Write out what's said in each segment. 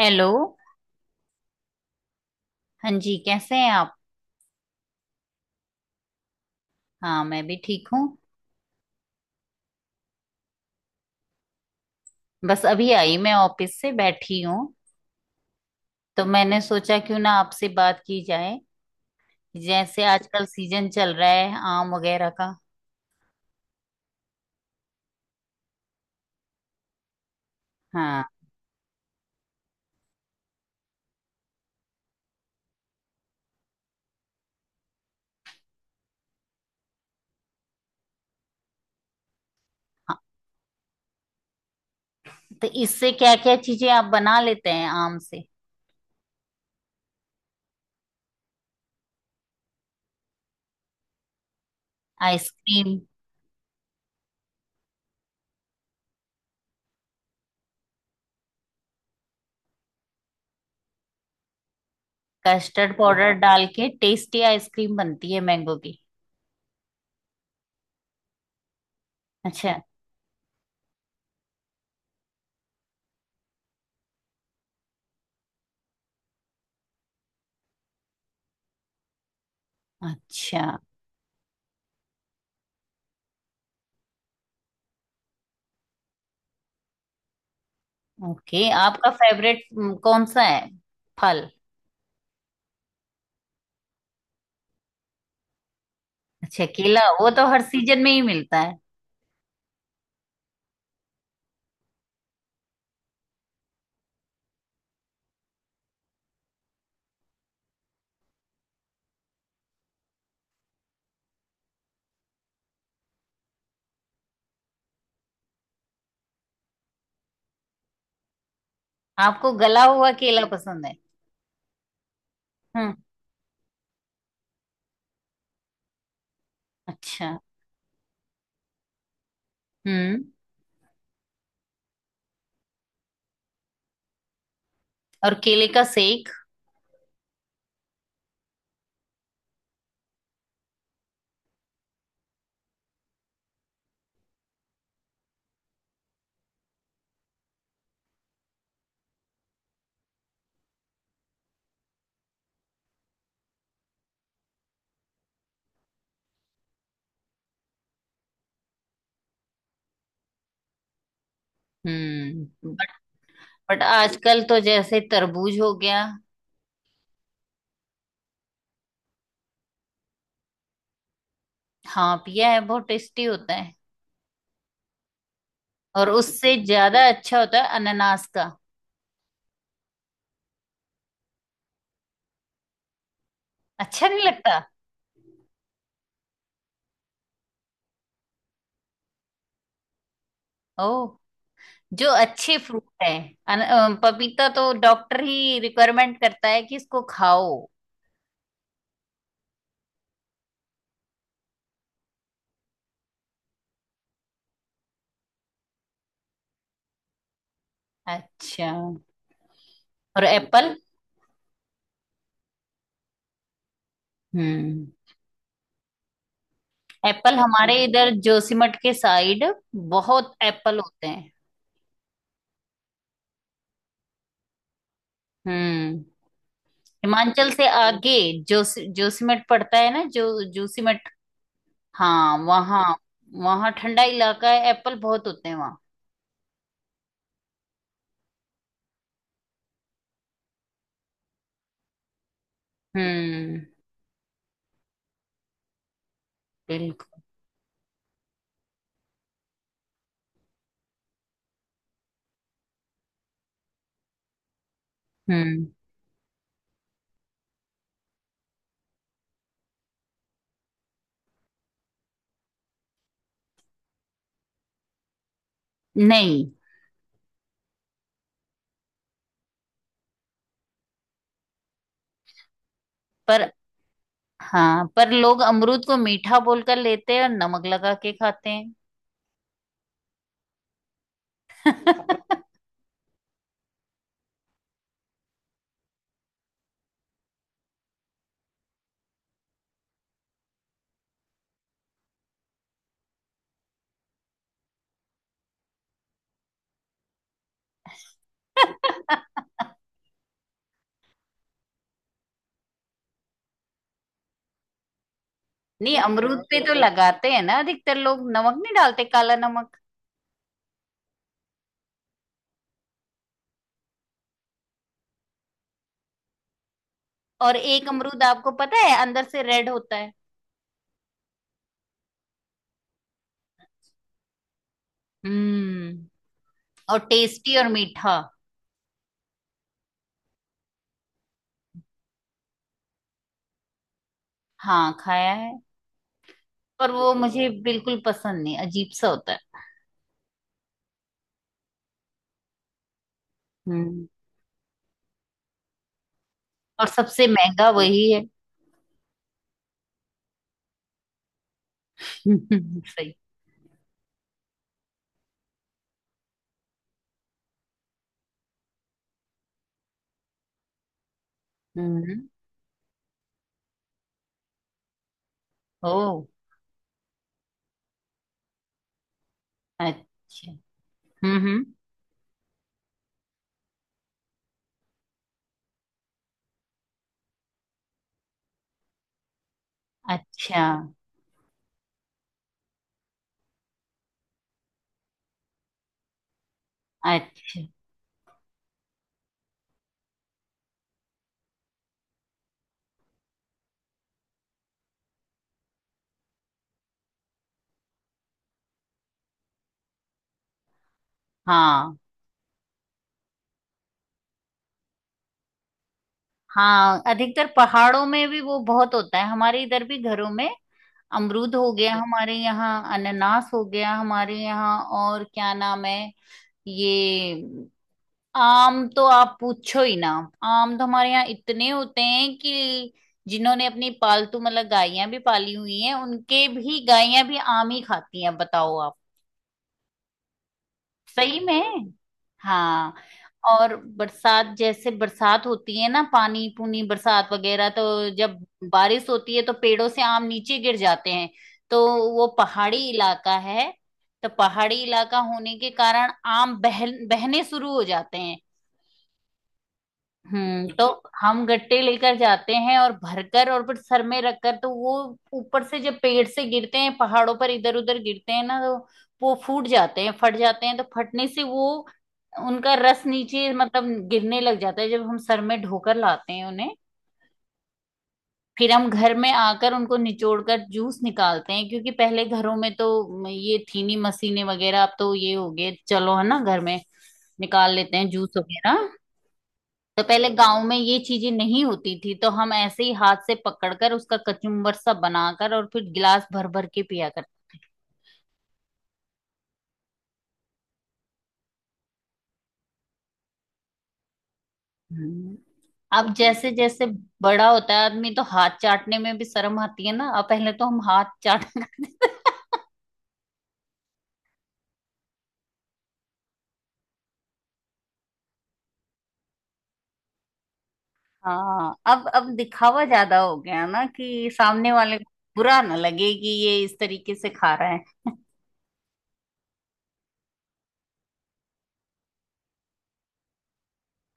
Hello. हाँ जी, कैसे हैं आप? हाँ, मैं भी ठीक हूँ। बस अभी आई, मैं ऑफिस से बैठी हूँ। तो मैंने सोचा क्यों ना आपसे बात की जाए। जैसे आजकल सीजन चल रहा है आम वगैरह का। हाँ। हाँ। तो इससे क्या क्या चीजें आप बना लेते हैं आम से? आइसक्रीम। कस्टर्ड पाउडर डाल के टेस्टी आइसक्रीम बनती है मैंगो की। अच्छा। अच्छा, ओके। आपका फेवरेट कौन सा है फल? अच्छा, केला वो तो हर सीजन में ही मिलता है। आपको गला हुआ केला पसंद है? हम्म। अच्छा। हम्म। और केले का सेक? हम्म। बट आजकल तो जैसे तरबूज हो गया। हाँ पिया है, बहुत टेस्टी होता है। और उससे ज्यादा अच्छा होता है अनानास का। अच्छा, नहीं लगता? ओ, जो अच्छे फ्रूट है। पपीता तो डॉक्टर ही रिक्वायरमेंट करता है कि इसको खाओ। अच्छा। और एप्पल? हम्म। एप्पल हमारे इधर जोशीमठ के साइड बहुत एप्पल होते हैं। हम्म। हिमाचल से आगे जोस जोशीमठ पड़ता है ना, जो जोशीमठ। हाँ वहाँ, वहाँ ठंडा इलाका है, एप्पल बहुत होते हैं वहाँ। हम्म। बिल्कुल। हम्म। नहीं। पर हाँ, पर लोग अमरूद को मीठा बोलकर लेते हैं और नमक लगा के खाते हैं। नहीं, अमरूद पे तो लगाते हैं ना अधिकतर लोग नमक, नहीं डालते काला नमक। और एक अमरूद आपको पता है अंदर से रेड होता है। हम्म। और टेस्टी और मीठा। हाँ खाया है। पर वो मुझे बिल्कुल पसंद नहीं, अजीब सा होता है। हम्म। और सबसे महंगा वही है। सही। हम्म। ओ। अच्छा। हम्म, हम्म। अच्छा। अच्छा। हाँ। हाँ, अधिकतर पहाड़ों में भी वो बहुत होता है, हमारे इधर भी घरों में। अमरूद हो गया हमारे यहाँ, अनानास हो गया हमारे यहाँ, और क्या नाम है ये। आम तो आप पूछो ही ना। आम तो हमारे यहाँ इतने होते हैं कि जिन्होंने अपनी पालतू मतलब गायें भी पाली हुई हैं, उनके भी गायें भी आम ही खाती हैं, बताओ आप। सही में। हाँ। और बरसात, जैसे बरसात होती है ना, पानी पूनी बरसात वगैरह, तो जब बारिश होती है तो पेड़ों से आम नीचे गिर जाते हैं। तो वो पहाड़ी इलाका है, तो पहाड़ी इलाका होने के कारण आम बह बहने शुरू हो जाते हैं। हम्म। तो क्योंकि हम गट्टे लेकर जाते हैं और भरकर और फिर सर में रखकर, तो वो ऊपर से जब पेड़ से गिरते हैं, पहाड़ों पर इधर उधर गिरते हैं ना, तो वो फूट जाते हैं, फट जाते हैं, तो फटने से वो, उनका रस नीचे मतलब गिरने लग जाता है जब हम सर में ढोकर लाते हैं उन्हें। फिर हम घर में आकर उनको निचोड़ कर जूस निकालते हैं, क्योंकि पहले घरों में तो ये थी नहीं मशीनें वगैरह, अब तो ये हो गए चलो, है ना, घर में निकाल लेते हैं जूस वगैरह। तो पहले गांव में ये चीजें नहीं होती थी, तो हम ऐसे ही हाथ से पकड़कर उसका कचुम्बर सा बनाकर और फिर गिलास भर भर के पिया करते। हम्म। अब जैसे जैसे बड़ा होता है आदमी, तो हाथ चाटने में भी शर्म आती है ना, अब पहले तो हम हाथ चाट। हाँ, अब दिखावा ज्यादा हो गया ना कि सामने वाले को बुरा ना लगे कि ये इस तरीके से खा रहा है।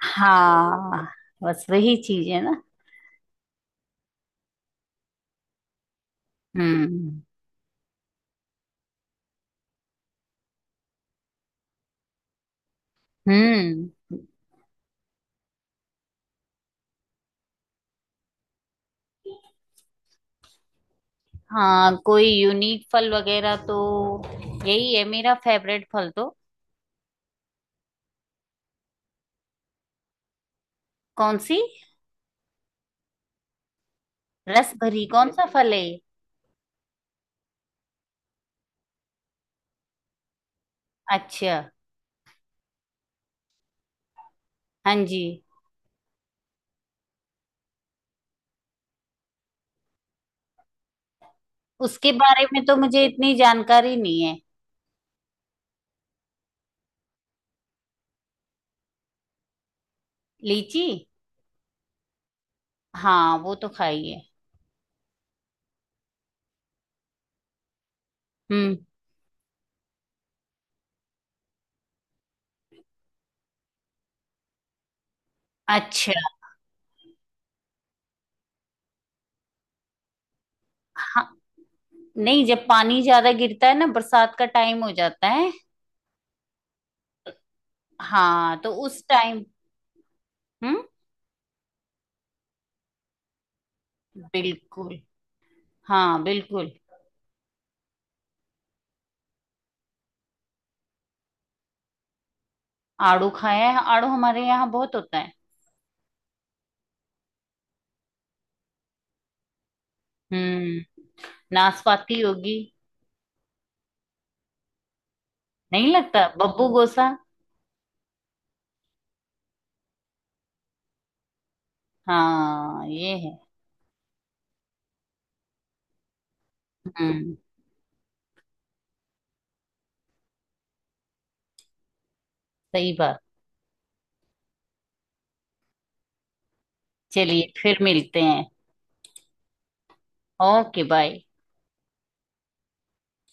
हाँ, बस वही चीज है ना। हम्म। हम्म। हाँ, कोई यूनिक फल वगैरह तो यही है मेरा फेवरेट फल तो। कौन सी? रस भरी कौन सा फल है ये? अच्छा। हाँ जी। उसके बारे में तो मुझे इतनी जानकारी नहीं है। लीची? हाँ, वो तो खाई है। हम्म। अच्छा। हाँ। नहीं, जब पानी ज्यादा गिरता है ना, बरसात का टाइम हो जाता है। हाँ, तो उस टाइम। हम्म। बिल्कुल। हाँ, बिल्कुल। आड़ू खाया है, आड़ू हमारे यहाँ बहुत होता है। हम्म। नाशपाती होगी। नहीं लगता बब्बू गोसा। हाँ ये है। हम्म। सही बात। चलिए फिर मिलते हैं। Okay bye.